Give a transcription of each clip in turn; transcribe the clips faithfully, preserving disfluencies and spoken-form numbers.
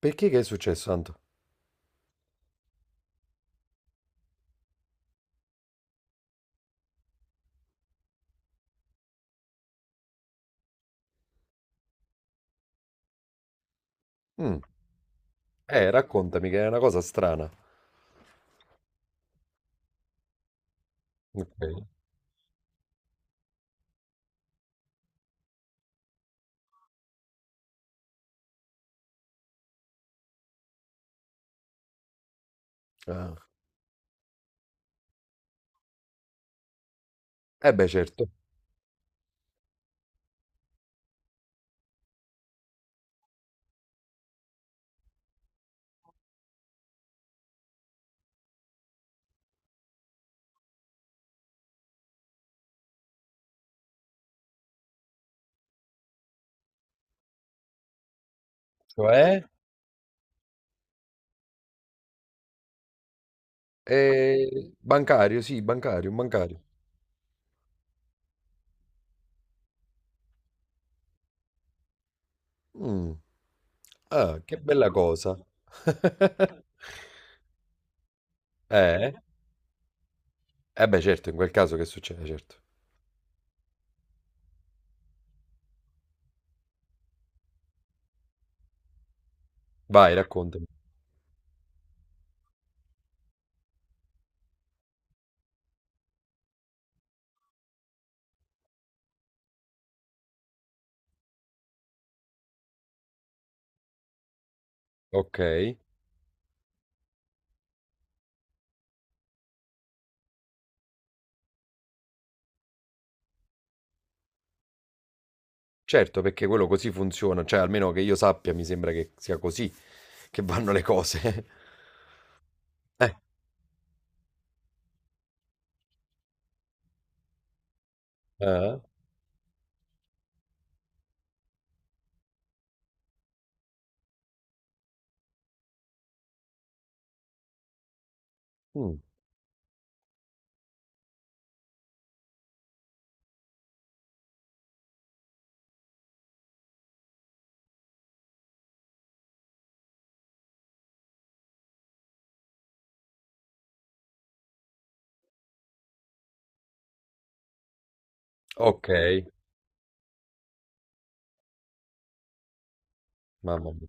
Perché che è successo, Anto? Mh, eh, raccontami, che è una cosa strana. Ok. Ah. Eh beh, certo. Cioè? Eh, bancario, sì, bancario, un bancario. Mm, ah, che bella cosa. Eh? Eh beh, certo, in quel caso che succede, certo. Vai, raccontami. Ok. Certo, perché quello così funziona, cioè almeno che io sappia, mi sembra che sia così che vanno le cose. Eh, ah, mm, ok, mamma mia.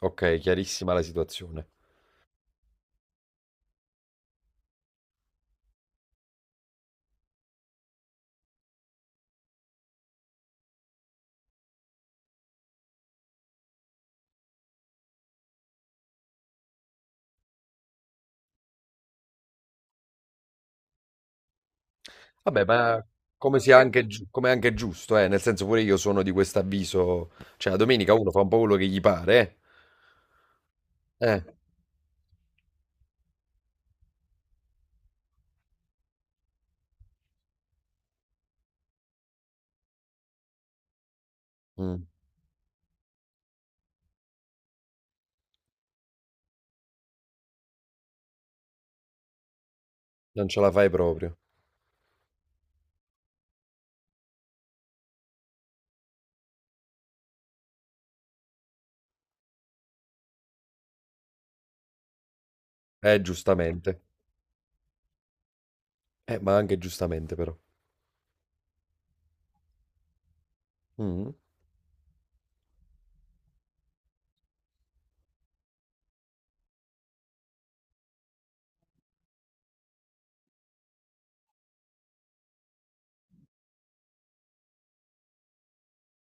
Ok, chiarissima la situazione. Vabbè, ma come sia anche, giu- come è anche giusto, eh? Nel senso, pure io sono di questo avviso, cioè la domenica uno fa un po' quello che gli pare, eh? Eh, mm, non ce la fai proprio. Eh, giustamente. Eh, ma anche giustamente però. Mm,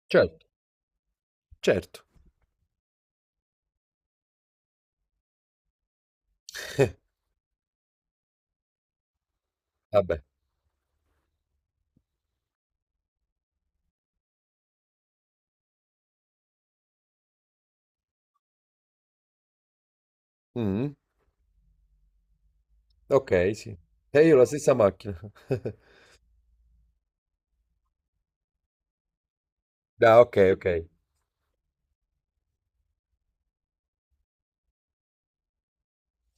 certo, certo. Vabbè. Mm, ok, sì. E io la stessa macchina. Ah, ok, ok.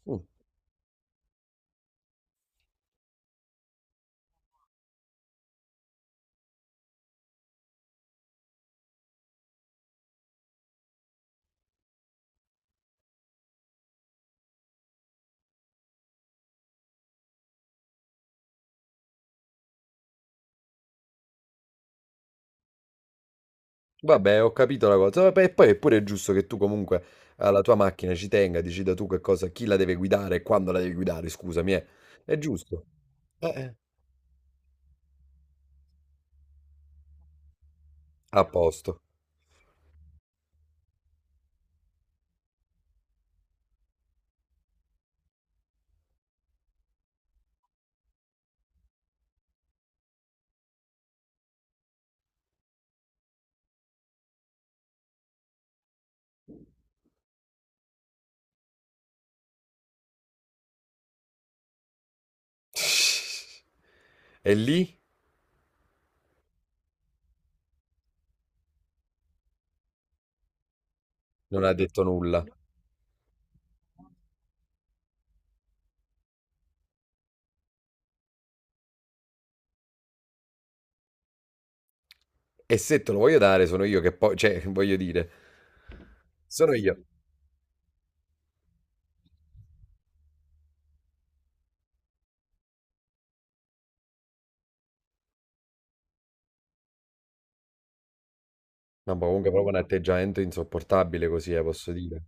Mm, vabbè, ho capito la cosa. Vabbè, e poi è pure giusto che tu comunque alla tua macchina ci tenga, decida tu che cosa, chi la deve guidare e quando la devi guidare, scusami, eh. È giusto. Eh. A posto. E lì non ha detto nulla. E se te lo voglio dare, sono io che poi, cioè, voglio dire, sono io. No, ma comunque è proprio un atteggiamento insopportabile così, eh, posso dire.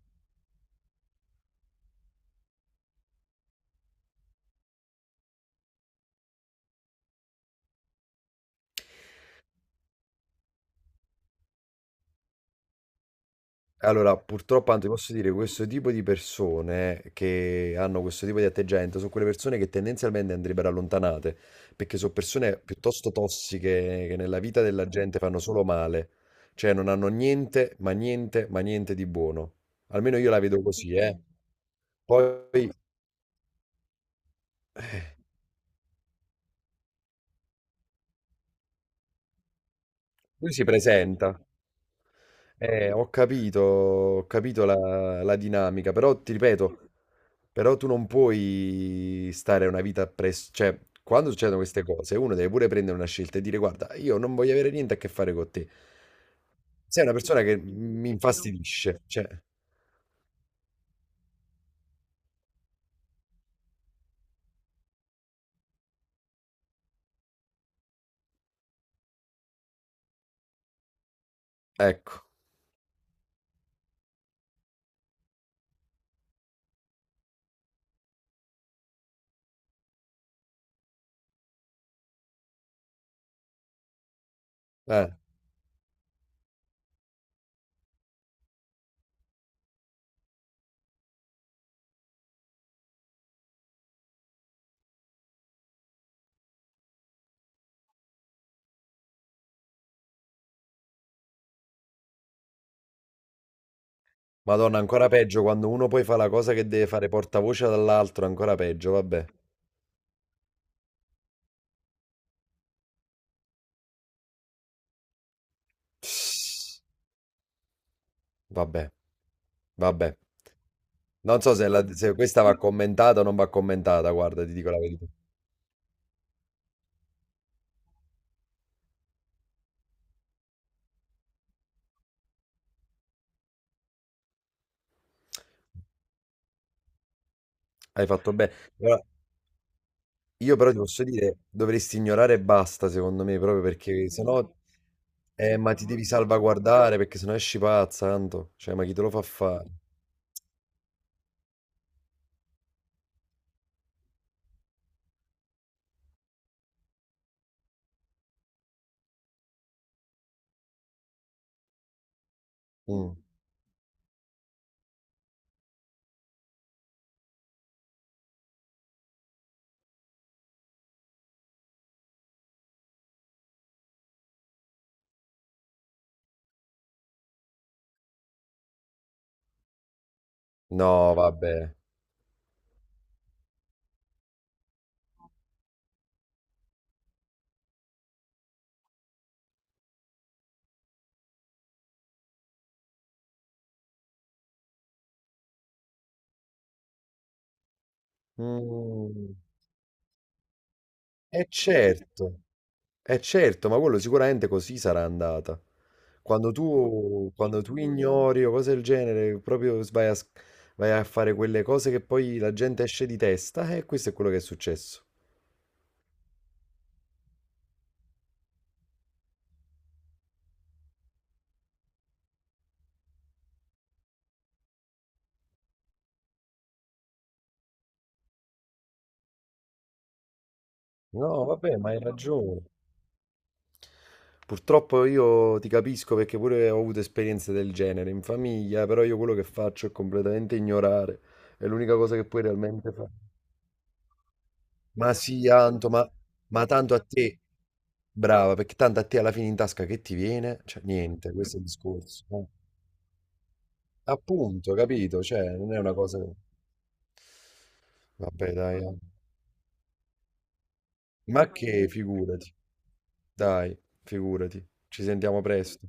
Allora, purtroppo, anzi, posso dire, questo tipo di persone che hanno questo tipo di atteggiamento sono quelle persone che tendenzialmente andrebbero allontanate, perché sono persone piuttosto tossiche che nella vita della gente fanno solo male, cioè non hanno niente, ma niente, ma niente di buono. Almeno io la vedo così, eh. Poi lui si presenta, eh, ho capito, ho capito la, la dinamica, però ti ripeto, però tu non puoi stare una vita presso... Cioè, quando succedono queste cose, uno deve pure prendere una scelta e dire, guarda, io non voglio avere niente a che fare con te. Sei una persona che mi infastidisce. Cioè, ecco. Eh, Madonna, ancora peggio quando uno poi fa la cosa che deve fare portavoce dall'altro, ancora peggio, vabbè. Vabbè, vabbè. Non so se, la- se questa va commentata o non va commentata, guarda, ti dico la verità. Hai fatto bene. Allora, io però ti posso dire, dovresti ignorare e basta, secondo me, proprio perché sennò... Eh, ma ti devi salvaguardare perché sennò esci pazza, tanto. Cioè, ma chi te lo fa fare? Mm. No, vabbè. Mm. Eh certo, è certo, ma quello sicuramente così sarà andata. Quando tu, quando tu ignori o cose del genere, proprio vai a, s- vai a fare quelle cose che poi la gente esce di testa, e questo è quello che è successo. No, vabbè, ma hai ragione. Purtroppo io ti capisco perché pure ho avuto esperienze del genere in famiglia, però io quello che faccio è completamente ignorare. È l'unica cosa che puoi realmente fare. Ma sì, Anto, ma, ma tanto a te, brava, perché tanto a te alla fine in tasca che ti viene? Cioè, niente, questo è il discorso. Eh. Appunto, capito? Cioè, non è una cosa... che- Vabbè, dai. Anto. Ma che, figurati, dai, figurati. Ci sentiamo presto.